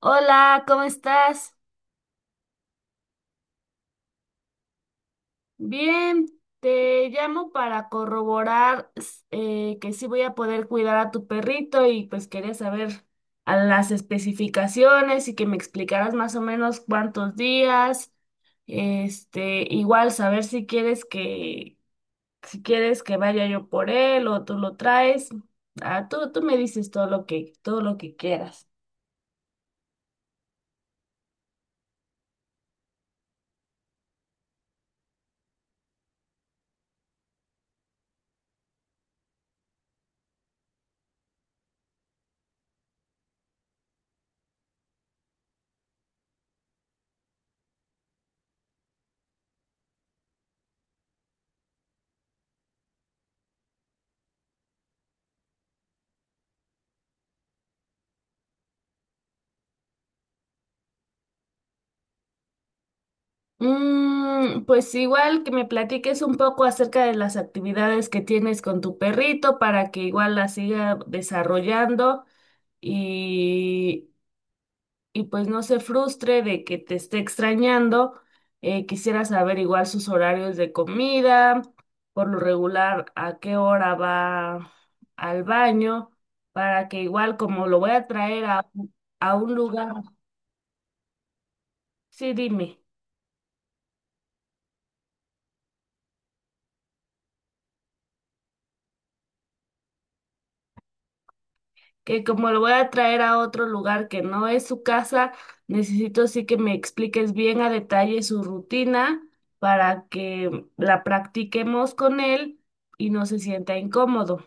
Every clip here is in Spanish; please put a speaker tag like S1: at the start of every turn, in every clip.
S1: Hola, ¿cómo estás? Bien, te llamo para corroborar que sí voy a poder cuidar a tu perrito y pues quería saber a las especificaciones y que me explicaras más o menos cuántos días, igual saber si quieres que, si quieres que vaya yo por él o tú lo traes. Ah, tú me dices todo lo que quieras. Mm, pues igual que me platiques un poco acerca de las actividades que tienes con tu perrito para que igual la siga desarrollando y, y pues no se frustre de que te esté extrañando. Quisiera saber igual sus horarios de comida, por lo regular a qué hora va al baño, para que igual como lo voy a traer a un lugar. Sí, dime. Que como lo voy a traer a otro lugar que no es su casa, necesito sí que me expliques bien a detalle su rutina para que la practiquemos con él y no se sienta incómodo.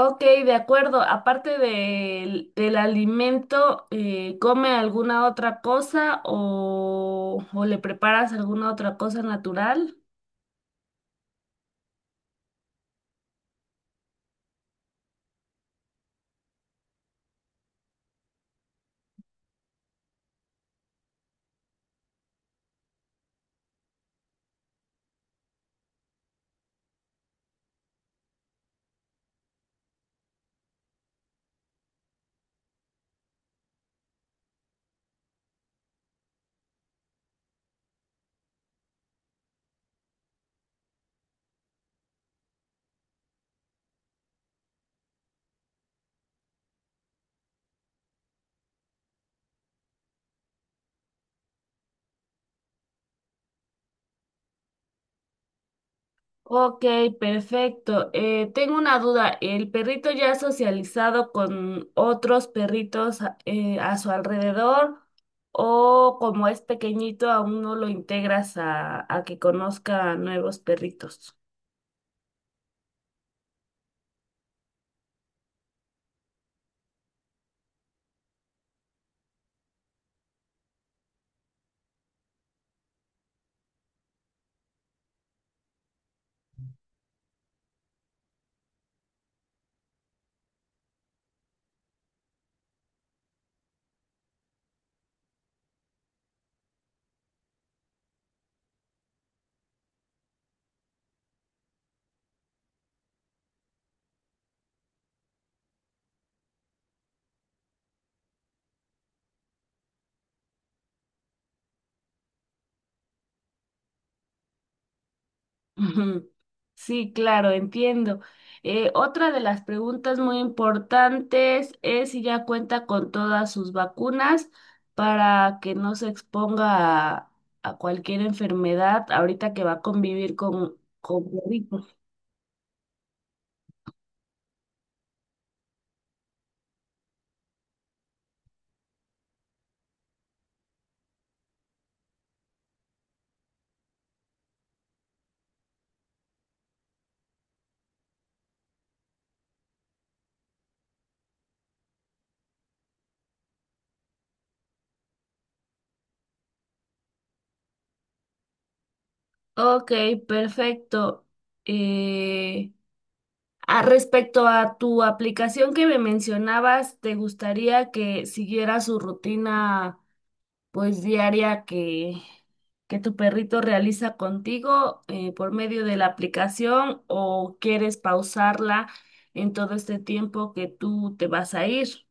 S1: Ok, de acuerdo. Aparte del, del alimento, ¿come alguna otra cosa o le preparas alguna otra cosa natural? Ok, perfecto. Tengo una duda. ¿El perrito ya ha socializado con otros perritos a su alrededor o como es pequeñito aún no lo integras a que conozca nuevos perritos? Ujú. Sí, claro, entiendo. Otra de las preguntas muy importantes es si ya cuenta con todas sus vacunas para que no se exponga a cualquier enfermedad ahorita que va a convivir con perritos. Ok, perfecto. Eh, Respecto a tu aplicación que me mencionabas, ¿te gustaría que siguiera su rutina pues diaria que tu perrito realiza contigo por medio de la aplicación o quieres pausarla en todo este tiempo que tú te vas a ir?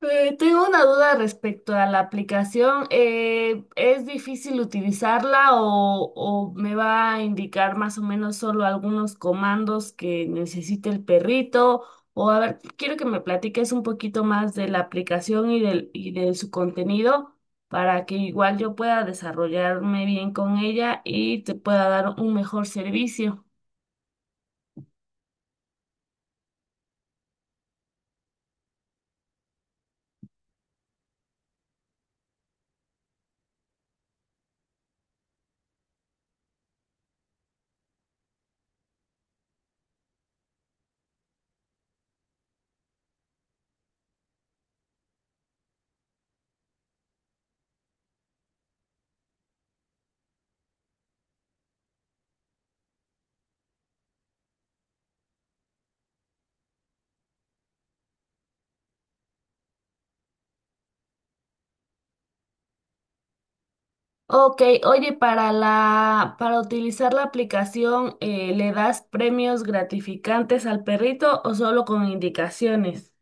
S1: Tengo una duda respecto a la aplicación. ¿Es difícil utilizarla o me va a indicar más o menos solo algunos comandos que necesite el perrito? O a ver, quiero que me platiques un poquito más de la aplicación y del, y de su contenido para que igual yo pueda desarrollarme bien con ella y te pueda dar un mejor servicio. Ok, oye, para la, para utilizar la aplicación, ¿le das premios gratificantes al perrito o solo con indicaciones?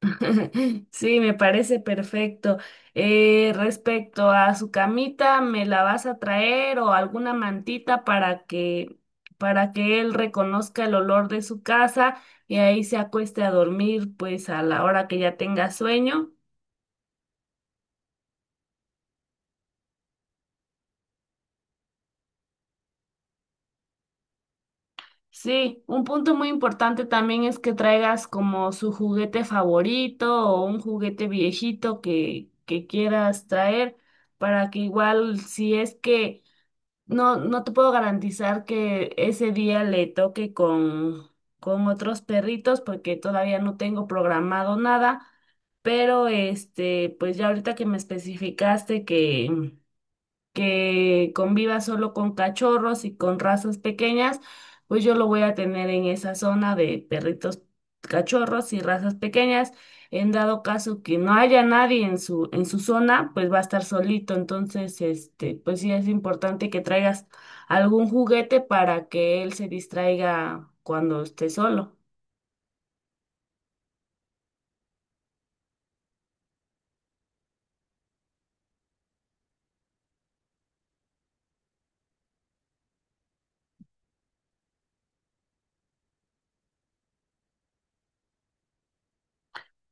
S1: Sí, me parece perfecto. Respecto a su camita, ¿me la vas a traer o alguna mantita para que él reconozca el olor de su casa y ahí se acueste a dormir, pues a la hora que ya tenga sueño? Sí, un punto muy importante también es que traigas como su juguete favorito o un juguete viejito que quieras traer para que igual si es que no, no te puedo garantizar que ese día le toque con otros perritos porque todavía no tengo programado nada, pero pues ya ahorita que me especificaste que conviva solo con cachorros y con razas pequeñas, pues yo lo voy a tener en esa zona de perritos cachorros y razas pequeñas. En dado caso que no haya nadie en su, en su zona, pues va a estar solito. Entonces, pues sí es importante que traigas algún juguete para que él se distraiga cuando esté solo.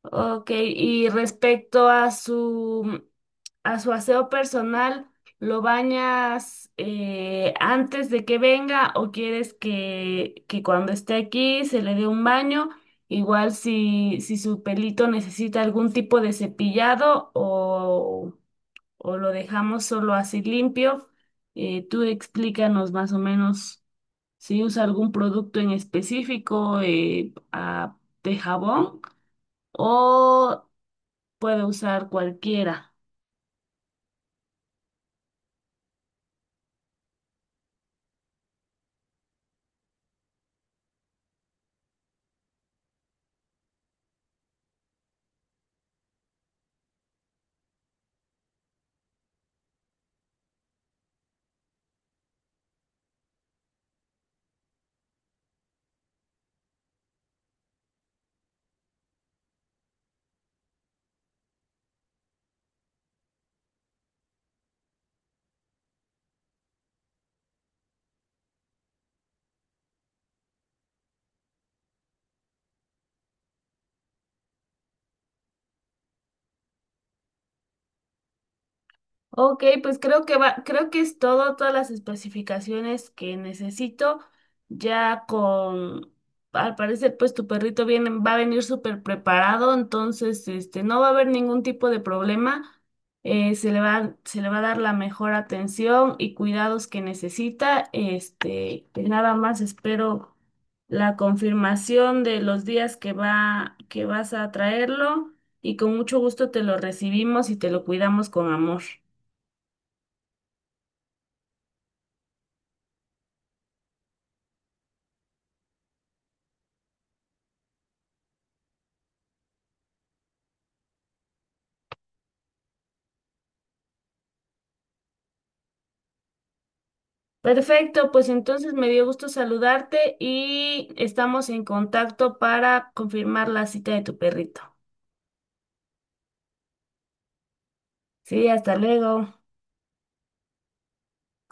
S1: Ok, y respecto a su aseo personal, ¿lo bañas antes de que venga o quieres que cuando esté aquí se le dé un baño? Igual si, si su pelito necesita algún tipo de cepillado o lo dejamos solo así limpio, tú explícanos más o menos si usa algún producto en específico de jabón. O puedo usar cualquiera. Ok, pues creo que va, creo que es todo, todas las especificaciones que necesito, ya con, al parecer, pues tu perrito viene, va a venir súper preparado, entonces, no va a haber ningún tipo de problema, se le va a dar la mejor atención y cuidados que necesita, pues nada más espero la confirmación de los días que va, que vas a traerlo y con mucho gusto te lo recibimos y te lo cuidamos con amor. Perfecto, pues entonces me dio gusto saludarte y estamos en contacto para confirmar la cita de tu perrito. Sí, hasta luego.